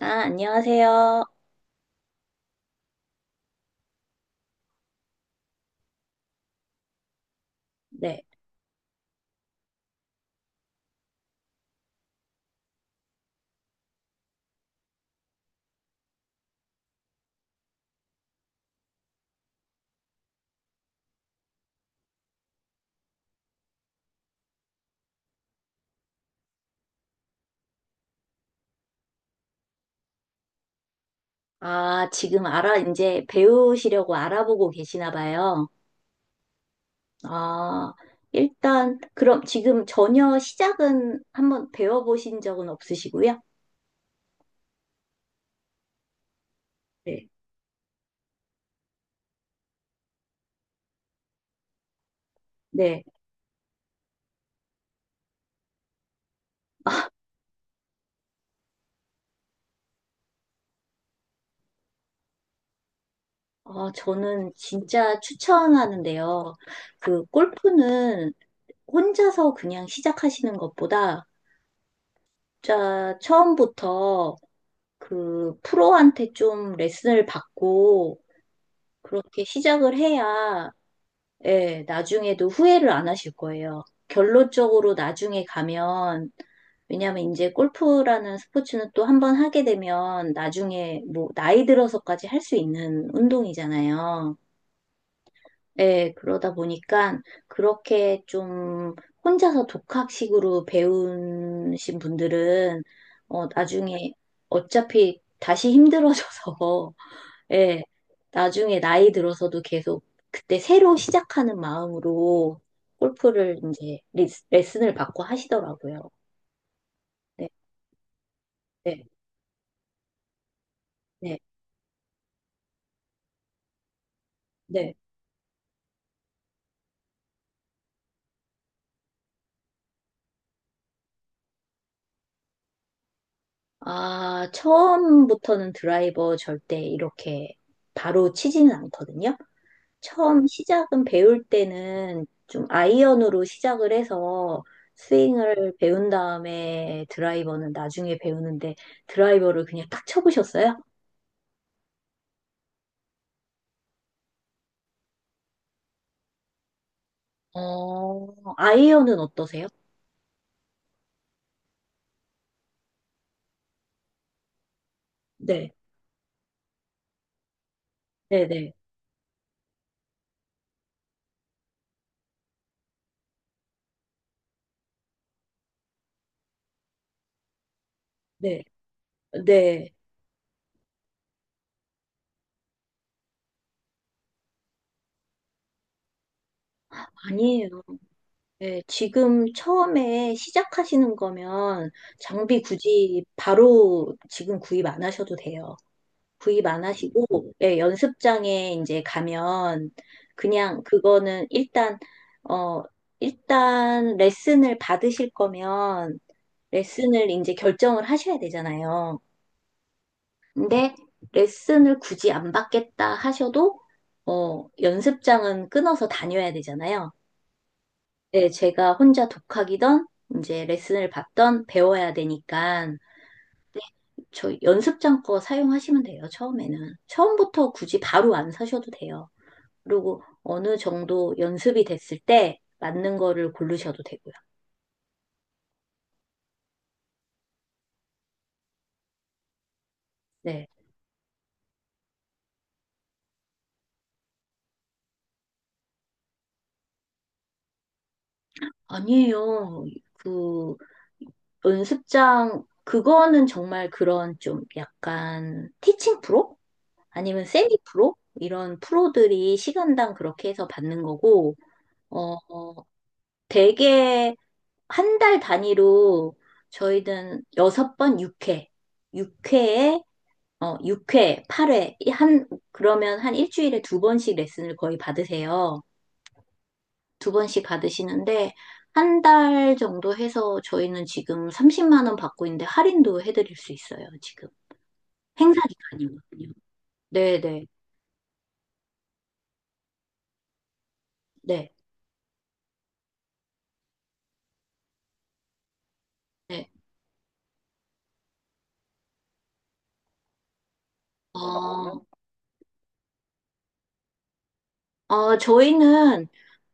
아, 안녕하세요. 네. 아, 지금 이제 배우시려고 알아보고 계시나 봐요. 아, 일단, 그럼 지금 전혀 시작은 한번 배워보신 적은 없으시고요? 네. 네. 아, 저는 진짜 추천하는데요. 그, 골프는 혼자서 그냥 시작하시는 것보다, 자, 처음부터 그, 프로한테 좀 레슨을 받고, 그렇게 시작을 해야 예, 나중에도 후회를 안 하실 거예요. 결론적으로 나중에 가면, 왜냐면 이제 골프라는 스포츠는 또 한 번 하게 되면 나중에 뭐 나이 들어서까지 할 수 있는 운동이잖아요. 예, 그러다 보니까 그렇게 좀 혼자서 독학식으로 배우신 분들은 나중에 어차피 다시 힘들어져서 예, 나중에 나이 들어서도 계속 그때 새로 시작하는 마음으로 골프를 이제 레슨을 받고 하시더라고요. 네, 네, 네, 네. 아, 처음부터는 드라이버 절대 이렇게 바로 치지는 않거든요. 처음 시작은 배울 때는 좀 아이언으로 시작을 해서 스윙을 배운 다음에 드라이버는 나중에 배우는데 드라이버를 그냥 딱 쳐보셨어요? 아이언은 어떠세요? 네, 네, 네, 네, 네. 아니에요. 네, 지금 처음에 시작하시는 거면 장비 굳이 바로 지금 구입 안 하셔도 돼요. 구입 안 하시고, 예 연습장에 이제 가면 그냥 그거는 어, 일단 레슨을 받으실 거면 레슨을 이제 결정을 하셔야 되잖아요. 근데 레슨을 굳이 안 받겠다 하셔도 연습장은 끊어서 다녀야 되잖아요. 네, 제가 혼자 독학이던 이제 레슨을 받던 배워야 되니까 저 연습장 거 사용하시면 돼요. 처음에는. 처음부터 굳이 바로 안 사셔도 돼요. 그리고 어느 정도 연습이 됐을 때 맞는 거를 고르셔도 되고요. 네. 아니에요. 그 연습장 그거는 정말 그런 좀 약간 티칭 프로? 아니면 세미 프로? 이런 프로들이 시간당 그렇게 해서 받는 거고, 어, 어, 되게 한 달 단위로 저희는 6번 6회, 6회에, 6회, 8회, 한, 그러면 한 일주일에 2번씩 레슨을 거의 받으세요. 2번씩 받으시는데, 한 달 정도 해서 저희는 지금 30만 원 받고 있는데 할인도 해드릴 수 있어요, 지금. 행사 기간이거든요. 네네, 네, 네. 네. 어, 저희는,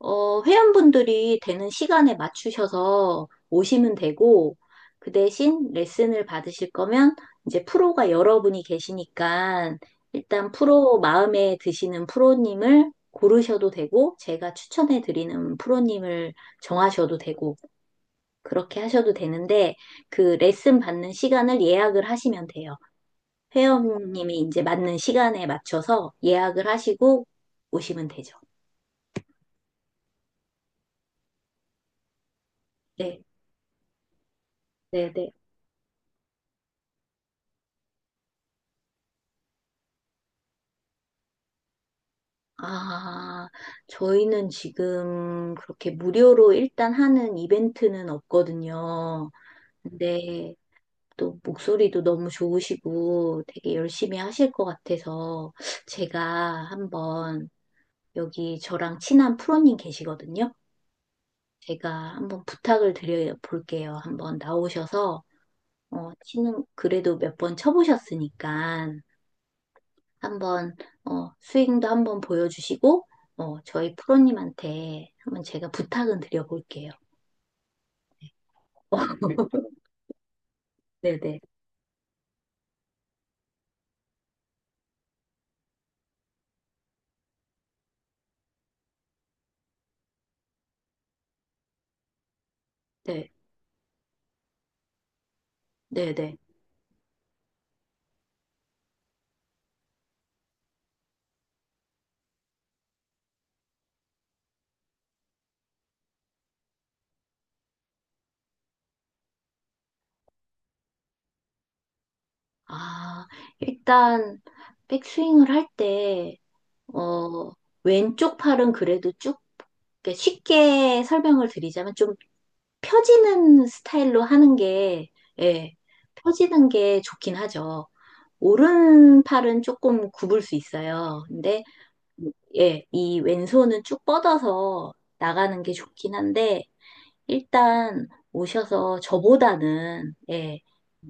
회원분들이 되는 시간에 맞추셔서 오시면 되고, 그 대신 레슨을 받으실 거면, 이제 프로가 여러분이 계시니까, 일단 프로, 마음에 드시는 프로님을 고르셔도 되고, 제가 추천해 드리는 프로님을 정하셔도 되고, 그렇게 하셔도 되는데, 그 레슨 받는 시간을 예약을 하시면 돼요. 회원님이 이제 맞는 시간에 맞춰서 예약을 하시고 오시면 되죠. 네. 네, 네. 아, 저희는 지금 그렇게 무료로 일단 하는 이벤트는 없거든요. 근데 또 목소리도 너무 좋으시고 되게 열심히 하실 것 같아서 제가 한번 여기 저랑 친한 프로님 계시거든요. 제가 한번 부탁을 드려 볼게요. 한번 나오셔서 어, 치는 그래도 몇 번 쳐보셨으니까 한번 스윙도 한번 보여주시고 저희 프로님한테 한번 제가 부탁은 드려볼게요. 네. 네네. 네. 네. 아, 일단 백스윙을 할 때, 어, 왼쪽 팔은 그래도 쭉 그러니까 쉽게 설명을 드리자면 좀 펴지는 스타일로 하는 게, 예, 펴지는 게 좋긴 하죠. 오른 팔은 조금 굽을 수 있어요. 근데 예, 이 왼손은 쭉 뻗어서 나가는 게 좋긴 한데, 일단 오셔서 저보다는, 예,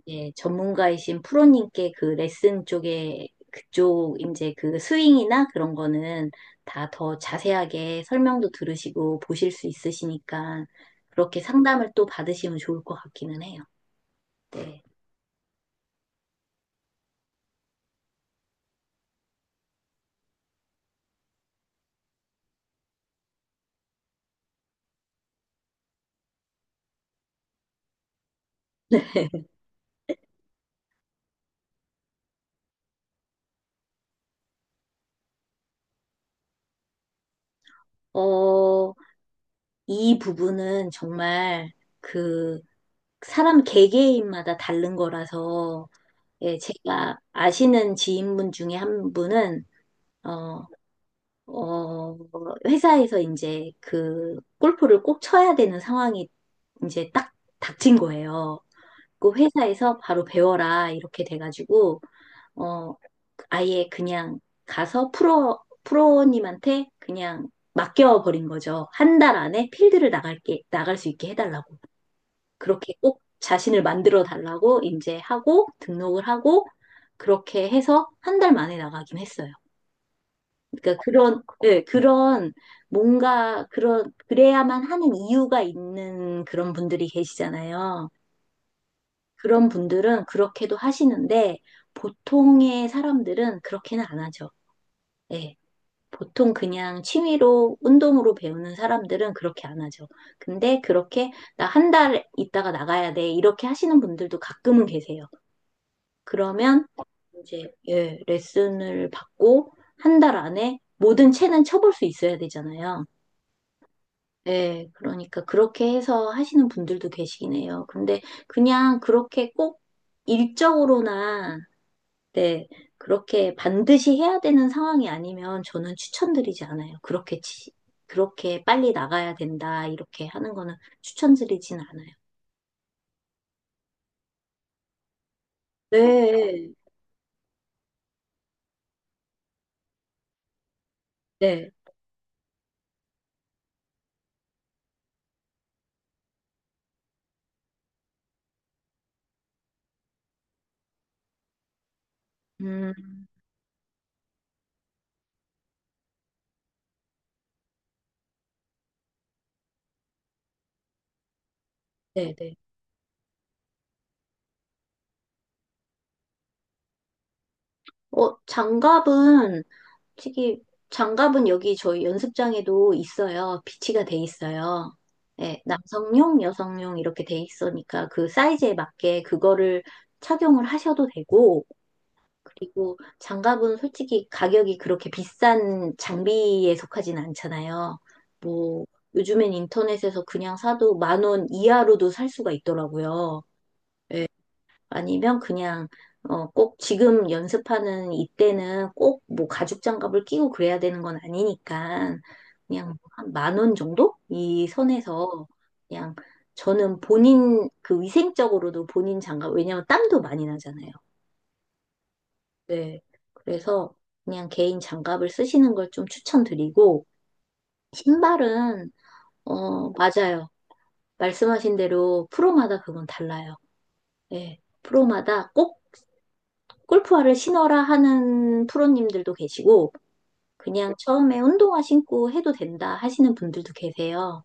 이제 전문가이신 프로님께 그 레슨 쪽에, 그쪽, 이제 그 스윙이나 그런 거는 다 더 자세하게 설명도 들으시고 보실 수 있으시니까, 그렇게 상담을 또 받으시면 좋을 것 같기는 해요. 네. 어, 이 부분은 정말 그 사람 개개인마다 다른 거라서, 예, 제가 아시는 지인분 중에 한 분은, 어, 어, 회사에서 이제 그 골프를 꼭 쳐야 되는 상황이 이제 딱 닥친 거예요. 그 회사에서 바로 배워라, 이렇게 돼가지고, 어, 아예 그냥 가서 프로님한테 그냥 맡겨버린 거죠. 한 달 안에 필드를 나갈게, 나갈 수 있게 해달라고. 그렇게 꼭 자신을 만들어 달라고 이제 하고 등록을 하고 그렇게 해서 한 달 만에 나가긴 했어요. 그러니까 그런, 그런 뭔가 그런 그래야만 하는 이유가 있는 그런 분들이 계시잖아요. 그런 분들은 그렇게도 하시는데 보통의 사람들은 그렇게는 안 하죠. 예. 보통 그냥 취미로 운동으로 배우는 사람들은 그렇게 안 하죠. 근데 그렇게 나 한 달 있다가 나가야 돼. 이렇게 하시는 분들도 가끔은 계세요. 그러면 이제 예, 레슨을 받고 한 달 안에 모든 채는 쳐볼 수 있어야 되잖아요. 예, 그러니까 그렇게 해서 하시는 분들도 계시긴 해요. 근데 그냥 그렇게 꼭 일적으로나 네, 그렇게 반드시 해야 되는 상황이 아니면 저는 추천드리지 않아요. 그렇게 빨리 나가야 된다 이렇게 하는 거는 추천드리진 않아요. 네, 네, 음, 네, 네. 장갑은 솔직히 장갑은 여기 저희 연습장에도 있어요. 비치가 돼 있어요. 예, 남성용, 여성용 이렇게 돼 있으니까 그 사이즈에 맞게 그거를 착용을 하셔도 되고, 그리고 장갑은 솔직히 가격이 그렇게 비싼 장비에 속하진 않잖아요. 뭐, 요즘엔 인터넷에서 그냥 사도 10,000원 이하로도 살 수가 있더라고요. 예. 아니면 그냥 꼭 지금 연습하는 이때는 꼭 뭐 가죽 장갑을 끼고 그래야 되는 건 아니니까 그냥 뭐 한만 원 정도? 이 선에서 그냥 저는 본인 그 위생적으로도 본인 장갑, 왜냐면 땀도 많이 나잖아요. 네. 그래서 그냥 개인 장갑을 쓰시는 걸 좀 추천드리고 신발은 맞아요. 말씀하신 대로 프로마다 그건 달라요. 예. 프로마다 꼭 골프화를 신어라 하는 프로님들도 계시고, 그냥 처음에 운동화 신고 해도 된다 하시는 분들도 계세요.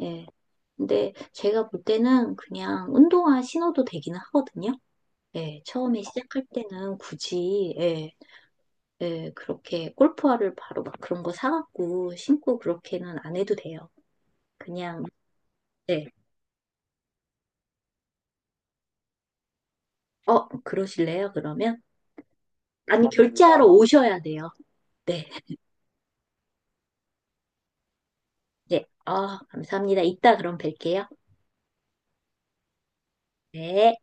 예. 근데 제가 볼 때는 그냥 운동화 신어도 되기는 하거든요. 예. 처음에 시작할 때는 굳이, 예, 예, 그렇게 골프화를 바로 막 그런 거 사갖고 신고 그렇게는 안 해도 돼요. 그냥, 네. 그러실래요? 그러면? 아니, 결제하러 오셔야 돼요. 네. 네. 아, 감사합니다. 이따 그럼 뵐게요. 네.